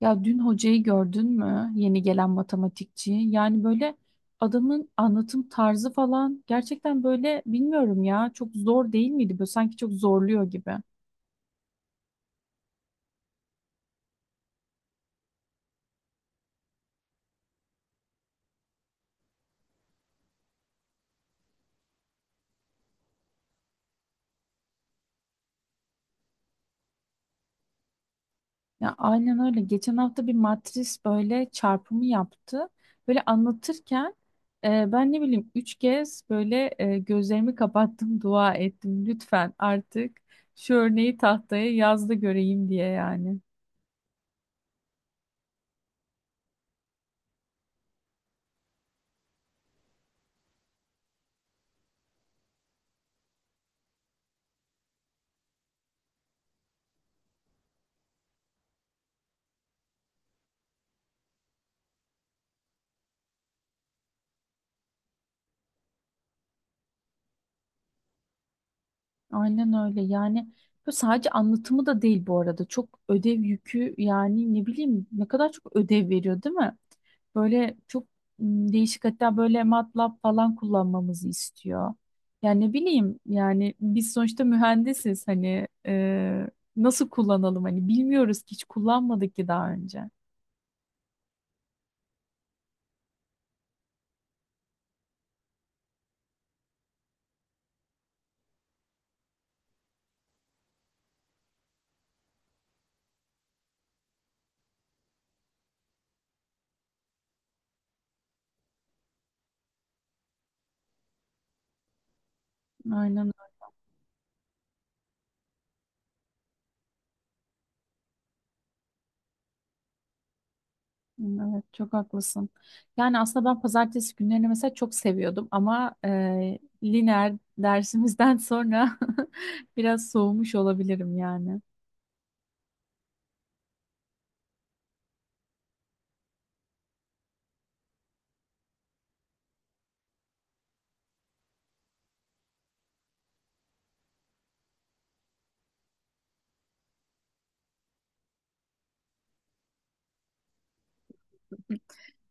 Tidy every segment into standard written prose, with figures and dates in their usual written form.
Ya dün hocayı gördün mü? Yeni gelen matematikçi. Yani böyle adamın anlatım tarzı falan gerçekten böyle bilmiyorum ya, çok zor değil miydi? Böyle sanki çok zorluyor gibi. Ya aynen öyle. Geçen hafta bir matris böyle çarpımı yaptı. Böyle anlatırken ben ne bileyim üç kez böyle gözlerimi kapattım, dua ettim. Lütfen artık şu örneği tahtaya yaz da göreyim diye yani. Aynen öyle yani, bu sadece anlatımı da değil bu arada, çok ödev yükü yani, ne bileyim ne kadar çok ödev veriyor değil mi? Böyle çok değişik, hatta böyle MATLAB falan kullanmamızı istiyor. Yani ne bileyim yani, biz sonuçta mühendisiz hani, nasıl kullanalım, hani bilmiyoruz ki, hiç kullanmadık ki daha önce. Aynen. Hmm, evet, çok haklısın. Yani aslında ben pazartesi günlerini mesela çok seviyordum ama lineer dersimizden sonra biraz soğumuş olabilirim yani.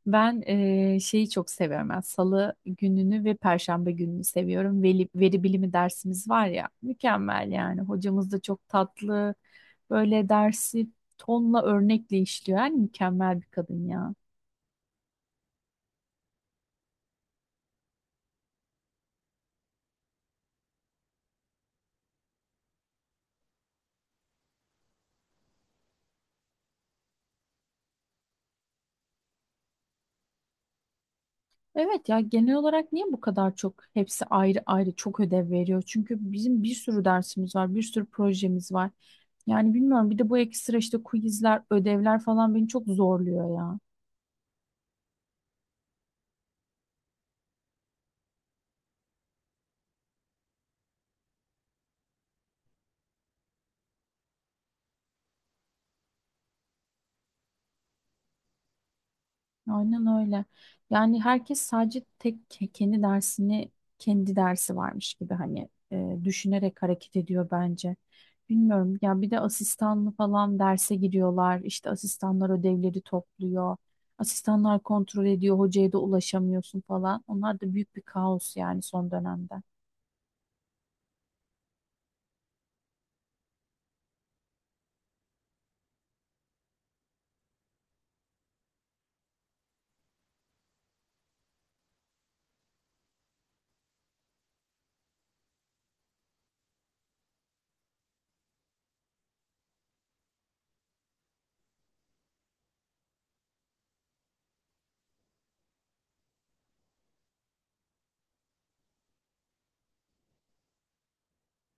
Ben şeyi çok seviyorum. Yani salı gününü ve perşembe gününü seviyorum. Veri bilimi dersimiz var ya, mükemmel yani. Hocamız da çok tatlı. Böyle dersi tonla örnekle işliyor. Yani mükemmel bir kadın ya. Evet ya, genel olarak niye bu kadar çok hepsi ayrı ayrı çok ödev veriyor? Çünkü bizim bir sürü dersimiz var, bir sürü projemiz var. Yani bilmiyorum, bir de bu ekstra işte quizler, ödevler falan beni çok zorluyor ya. Aynen öyle. Yani herkes sadece kendi dersini, kendi dersi varmış gibi hani, düşünerek hareket ediyor bence. Bilmiyorum ya, bir de asistanlı falan derse giriyorlar. İşte asistanlar ödevleri topluyor. Asistanlar kontrol ediyor. Hocaya da ulaşamıyorsun falan. Onlar da büyük bir kaos yani son dönemde.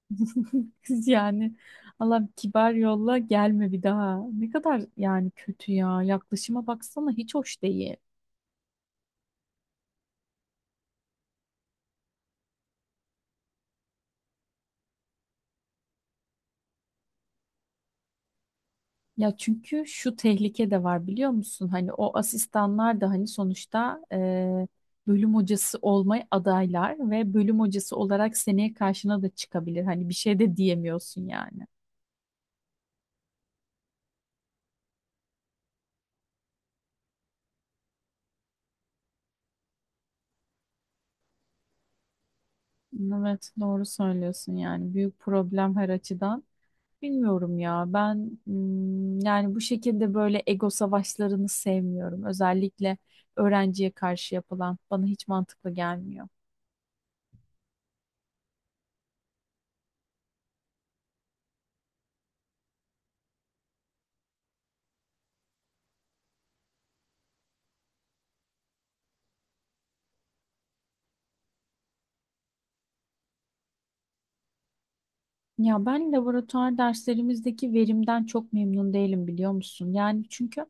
Kız yani, Allah kibar, yolla gelme bir daha. Ne kadar yani kötü ya. Yaklaşıma baksana, hiç hoş değil. Ya çünkü şu tehlike de var biliyor musun? Hani o asistanlar da hani sonuçta bölüm hocası olmaya adaylar ve bölüm hocası olarak seneye karşına da çıkabilir. Hani bir şey de diyemiyorsun yani. Evet, doğru söylüyorsun yani, büyük problem her açıdan. Bilmiyorum ya, ben yani bu şekilde böyle ego savaşlarını sevmiyorum. Özellikle öğrenciye karşı yapılan bana hiç mantıklı gelmiyor. Ya ben laboratuvar derslerimizdeki verimden çok memnun değilim biliyor musun? Yani çünkü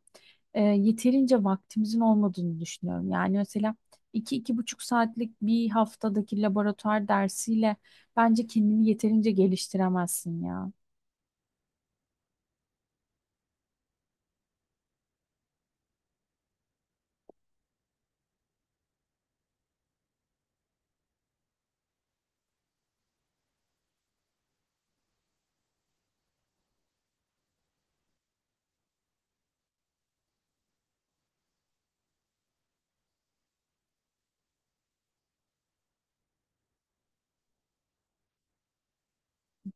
yeterince vaktimizin olmadığını düşünüyorum. Yani mesela iki, iki buçuk saatlik bir haftadaki laboratuvar dersiyle bence kendini yeterince geliştiremezsin ya.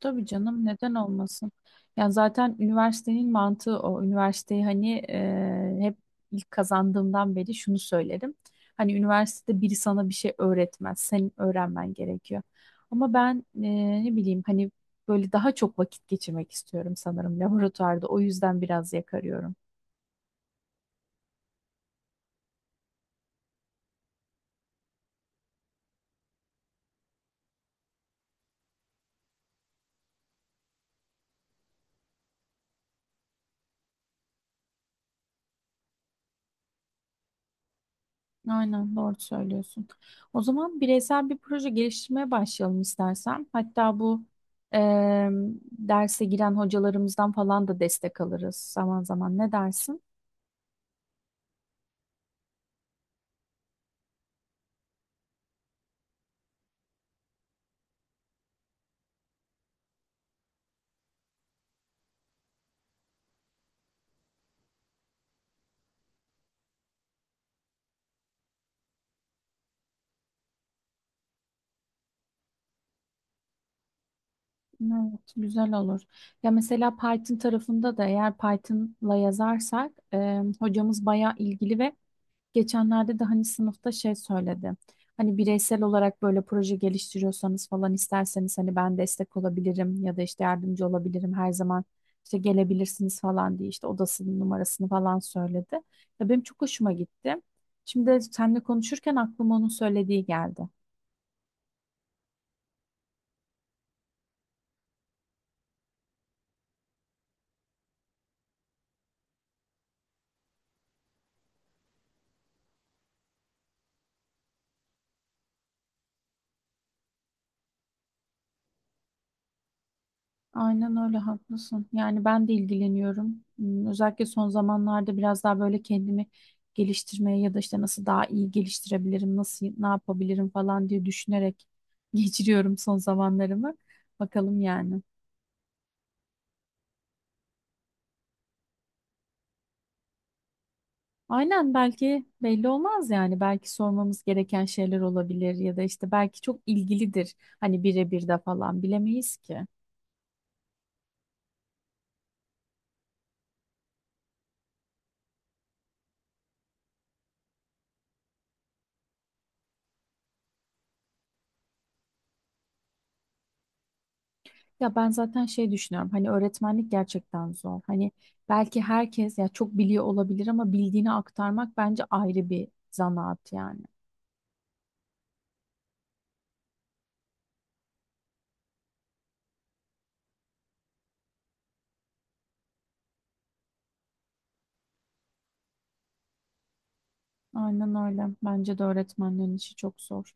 Tabii canım, neden olmasın? Yani zaten üniversitenin mantığı o. Üniversiteyi hani, hep ilk kazandığımdan beri şunu söylerim. Hani üniversitede biri sana bir şey öğretmez. Senin öğrenmen gerekiyor. Ama ben ne bileyim hani, böyle daha çok vakit geçirmek istiyorum sanırım laboratuvarda. O yüzden biraz yakarıyorum. Aynen, doğru söylüyorsun. O zaman bireysel bir proje geliştirmeye başlayalım istersen. Hatta bu eee, derse giren hocalarımızdan falan da destek alırız zaman zaman. Ne dersin? Evet, güzel olur. Ya mesela Python tarafında da, eğer Python'la yazarsak hocamız bayağı ilgili ve geçenlerde de hani sınıfta şey söyledi. Hani bireysel olarak böyle proje geliştiriyorsanız falan, isterseniz hani ben destek olabilirim ya da işte yardımcı olabilirim her zaman, işte gelebilirsiniz falan diye işte odasının numarasını falan söyledi. Ya benim çok hoşuma gitti. Şimdi seninle konuşurken aklıma onun söylediği geldi. Aynen öyle, haklısın. Yani ben de ilgileniyorum. Hmm, özellikle son zamanlarda biraz daha böyle kendimi geliştirmeye ya da işte nasıl daha iyi geliştirebilirim, nasıl ne yapabilirim falan diye düşünerek geçiriyorum son zamanlarımı. Bakalım yani. Aynen, belki belli olmaz yani. Belki sormamız gereken şeyler olabilir ya da işte belki çok ilgilidir. Hani birebir de falan bilemeyiz ki. Ya ben zaten şey düşünüyorum, hani öğretmenlik gerçekten zor. Hani belki herkes ya çok biliyor olabilir ama bildiğini aktarmak bence ayrı bir zanaat yani. Aynen öyle. Bence de öğretmenlerin işi çok zor.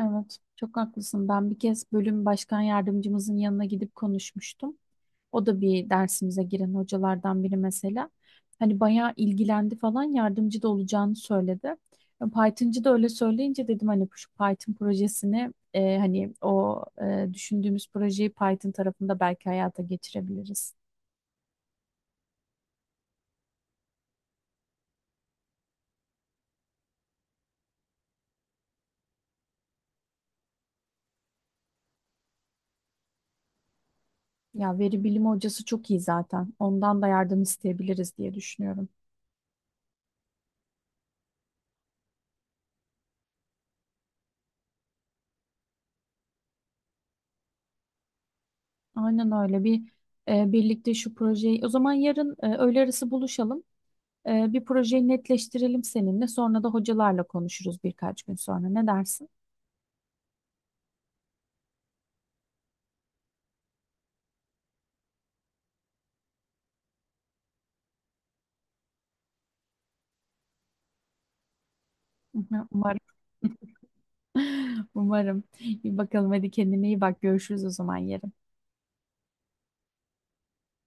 Evet, çok haklısın. Ben bir kez bölüm başkan yardımcımızın yanına gidip konuşmuştum. O da bir dersimize giren hocalardan biri mesela. Hani bayağı ilgilendi falan, yardımcı da olacağını söyledi. E, Python'cı da öyle söyleyince dedim hani şu Python projesini, hani o düşündüğümüz projeyi Python tarafında belki hayata geçirebiliriz. Ya veri bilimi hocası çok iyi zaten. Ondan da yardım isteyebiliriz diye düşünüyorum. Aynen öyle, bir birlikte şu projeyi o zaman yarın, öğle arası buluşalım. Bir projeyi netleştirelim seninle. Sonra da hocalarla konuşuruz birkaç gün sonra. Ne dersin? Umarım. Umarım. İyi, bakalım hadi, kendine iyi bak. Görüşürüz o zaman yarın.